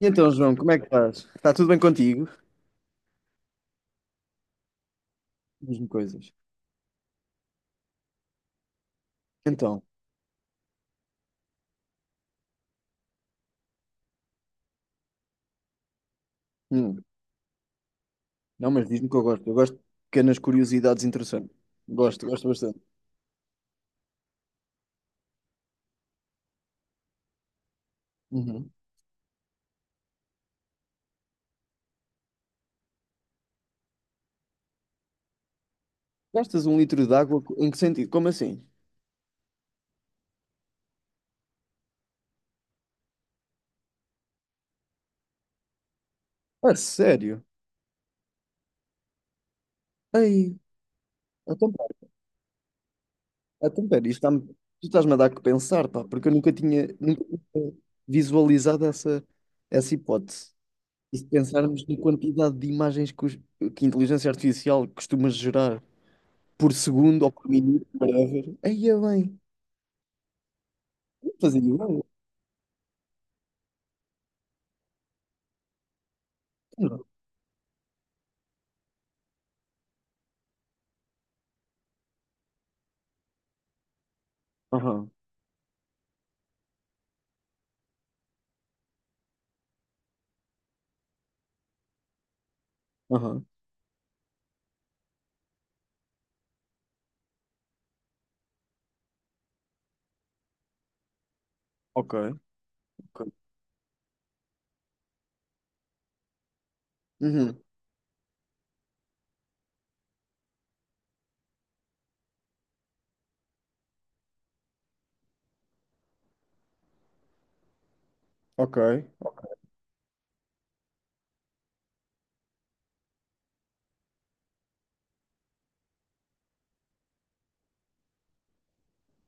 E então, João, como é que estás? Está tudo bem contigo? Diz-me coisas. Então, hum, não, mas diz-me que eu gosto. Eu gosto de pequenas curiosidades interessantes. Gosto, gosto bastante. Uhum. Gastas um litro de água em que sentido? Como assim? A sério? Ei, então, pera, então, pera, tu estás-me a dar que pensar, pá, porque eu nunca tinha visualizado essa hipótese. E se pensarmos na quantidade de imagens que a inteligência artificial costuma gerar por segundo ou por minuto, whatever, aí é bem. Fazia eu. Não. Aham, aham. Ok, ok. Uhum, ok.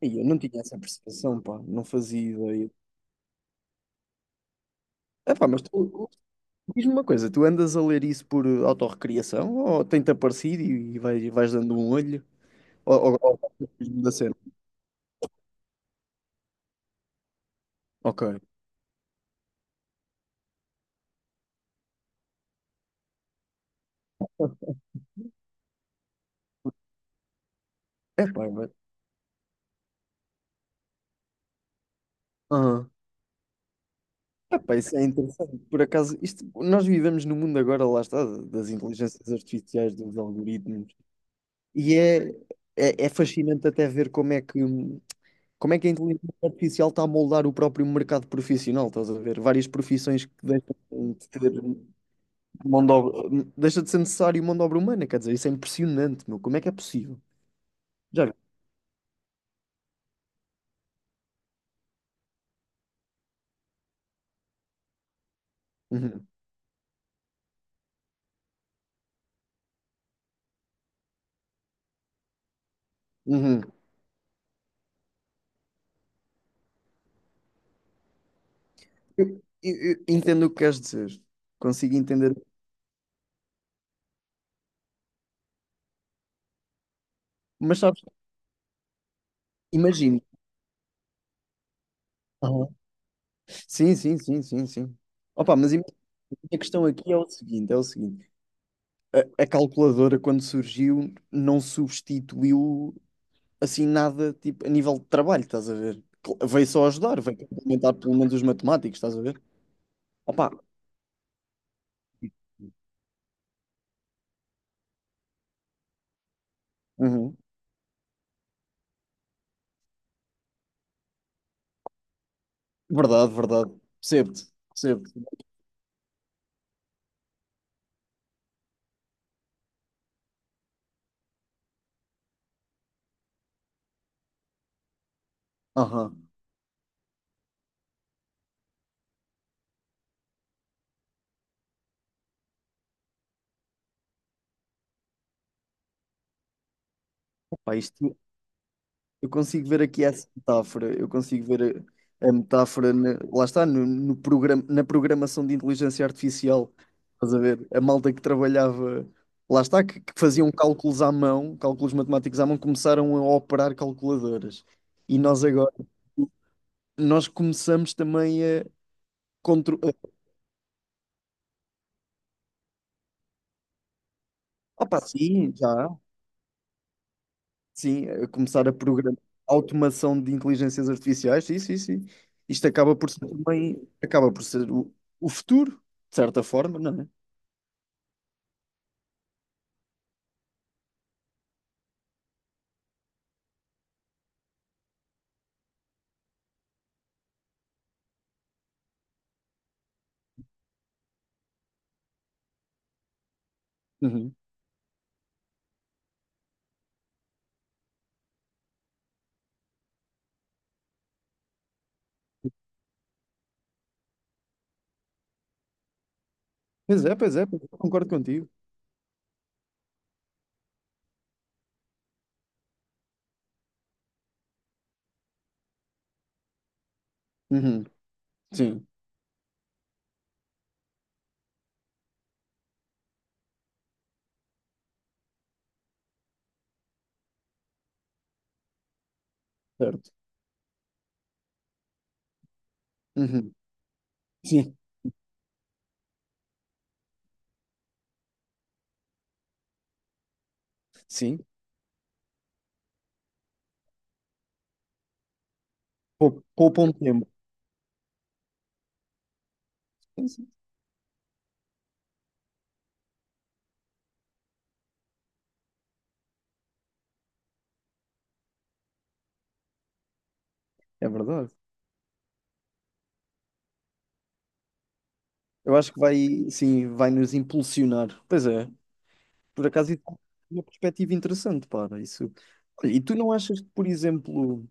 Ai, eu não tinha essa percepção, pá. Não fazia ideia. Epá, mas tu, diz-me uma coisa, tu andas a ler isso por autorrecriação ou tem-te aparecido e vais dando um olho? Ou mesmo da cena? Ok. Epá, mas... Aham. Epá, isso é interessante. Por acaso, isto, nós vivemos no mundo agora, lá está, das inteligências artificiais, dos algoritmos. E é, é fascinante até ver como é que como é que a inteligência artificial está a moldar o próprio mercado profissional? Estás a ver? Várias profissões que de ter deixa de ser necessário mão de obra humana, quer dizer, isso é impressionante, meu. Como é que é possível? Já vi. Uhum, uhum. Eu entendo o que queres dizer, consigo entender, mas sabes, imagina. Aham. Sim, sim, sim, sim, sim. Opa, mas imagina, a questão aqui é o seguinte. A calculadora, quando surgiu, não substituiu assim nada tipo a nível de trabalho, estás a ver? Veio só ajudar, veio complementar pelo menos os matemáticos, estás a ver? Opa, uhum. Verdade, verdade. Percebo-te, percebo-te. Aham. Opa, isto, eu consigo ver aqui essa metáfora, eu consigo ver a metáfora, lá está, no programa, na programação de inteligência artificial, estás a ver? A malta que trabalhava, lá está, que faziam cálculos à mão, cálculos matemáticos à mão, começaram a operar calculadoras. E nós agora, nós começamos também a controlar. Opa, sim, já. Sim, a começar a programar automação de inteligências artificiais, sim, sim, sim. Isto acaba por ser também, acaba por ser o futuro, de certa forma, não é? Uhum. Pois é, pois é, pois é, concordo contigo. Uhum. Sim, certo. Uhum. Sim, sim. Poupa um tempo. Sim, sim, é verdade. Eu acho que vai, sim, vai nos impulsionar. Pois é. Por acaso, isso é uma perspectiva interessante, para isso. Olha, e tu não achas que, por exemplo,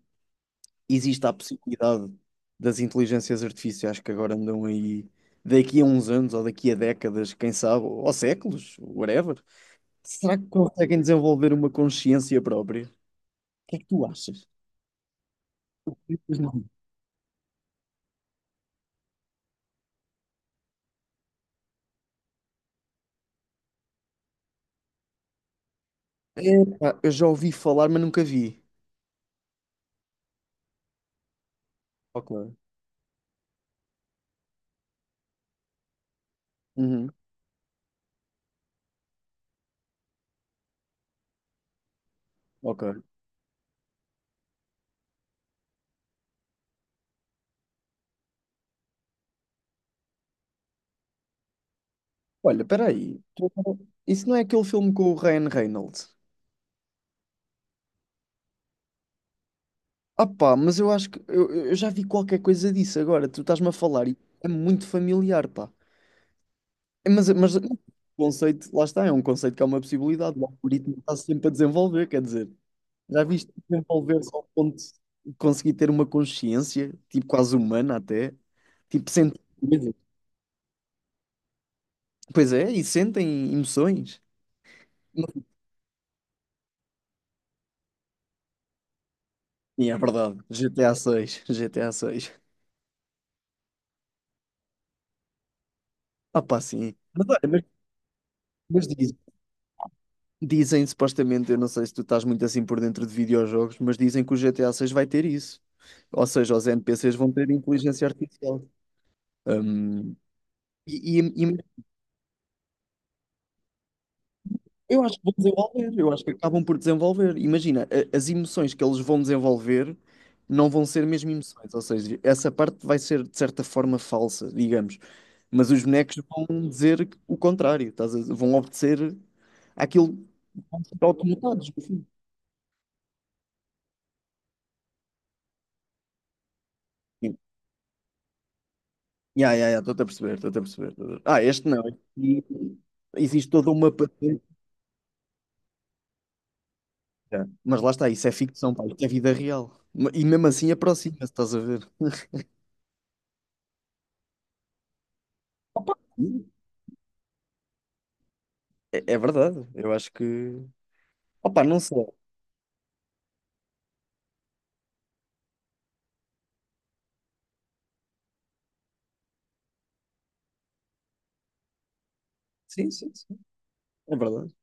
existe a possibilidade das inteligências artificiais que agora andam aí daqui a uns anos ou daqui a décadas, quem sabe, ou séculos, whatever? Será que conseguem desenvolver uma consciência própria? O que é que tu achas? Acreditas não? Epá, eu já ouvi falar, mas nunca vi. Ok. Uhum, ok. Olha, espera aí. Isso não é aquele filme com o Ryan Reynolds? Ah, mas eu acho que eu já vi qualquer coisa disso agora. Tu estás-me a falar e é muito familiar, pá. É, mas o conceito, lá está, é um conceito que é uma possibilidade. O algoritmo está sempre a desenvolver, quer dizer, já viste desenvolver-se ao ponto de conseguir ter uma consciência, tipo quase humana até, tipo sentir coisas. Pois é, e sentem emoções. Sim, é verdade. GTA 6, GTA 6 G T A seis. Ah pá, sim. Mas diz, dizem supostamente, eu não sei se tu estás muito assim por dentro de videojogos, mas dizem que o GTA 6 vai ter isso. Ou seja, os NPCs vão ter inteligência artificial. Um, e eu acho que vão desenvolver, eu acho que acabam por desenvolver. Imagina, as emoções que eles vão desenvolver não vão ser mesmo emoções, ou seja, essa parte vai ser de certa forma falsa, digamos. Mas os bonecos vão dizer o contrário, vão obedecer àquilo que vão ser automatados, no fim. Ya, ya, ya, estou-te a perceber, estou-te a perceber. Ah, este não. Este existe toda uma patente. Mas lá está, isso é ficção, pá, isto é vida real. E mesmo assim aproxima-se, estás a ver? Opa, sim, é, é verdade, eu acho que. Opa, não sei. Sim, sim, sim, é verdade.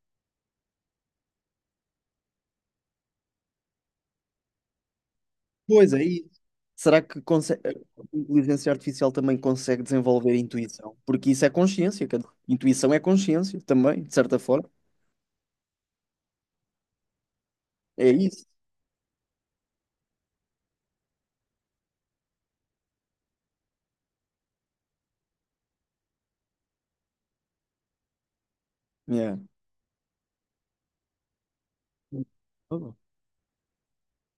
Pois é, isso. Será que consegue... a inteligência artificial também consegue desenvolver a intuição? Porque isso é consciência, quer dizer, intuição é consciência também, de certa forma. É isso. Yeah.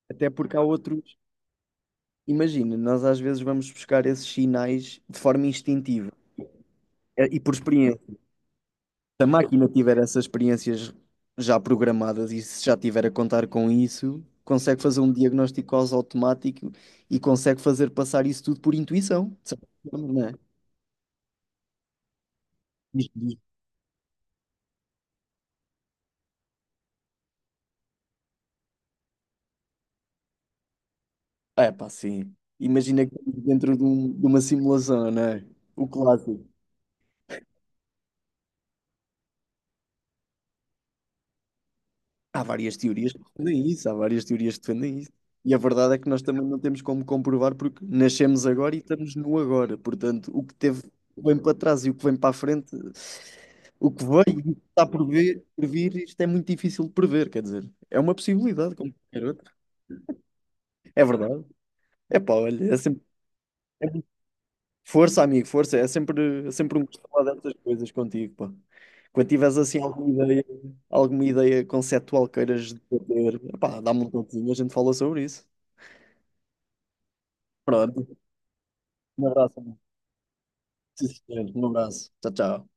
Até porque há outros. Imagina, nós às vezes vamos buscar esses sinais de forma instintiva e por experiência. Se a máquina tiver essas experiências já programadas e se já tiver a contar com isso, consegue fazer um diagnóstico quase automático e consegue fazer passar isso tudo por intuição, de certa forma, não é? Diz- diz- É pá, sim. Imagina que estamos dentro de uma simulação, não é? O clássico. Há várias teorias que defendem isso, há várias teorias que defendem isso. E a verdade é que nós também não temos como comprovar porque nascemos agora e estamos no agora. Portanto, o que teve o que vem para trás e o que vem para a frente, o que veio e o que está por vir, isto é muito difícil de prever, quer dizer, é uma possibilidade, como qualquer outra. É verdade. É pá, olha, é sempre força, amigo, força, é sempre um gosto falar destas coisas contigo, pá. Quando tiveres assim alguma ideia conceptual queiras debater, pá, dá-me um toquezinho, a gente fala sobre isso. Pronto. Um abraço, amigo. Sim, senhor. Um abraço. Tchau, tchau.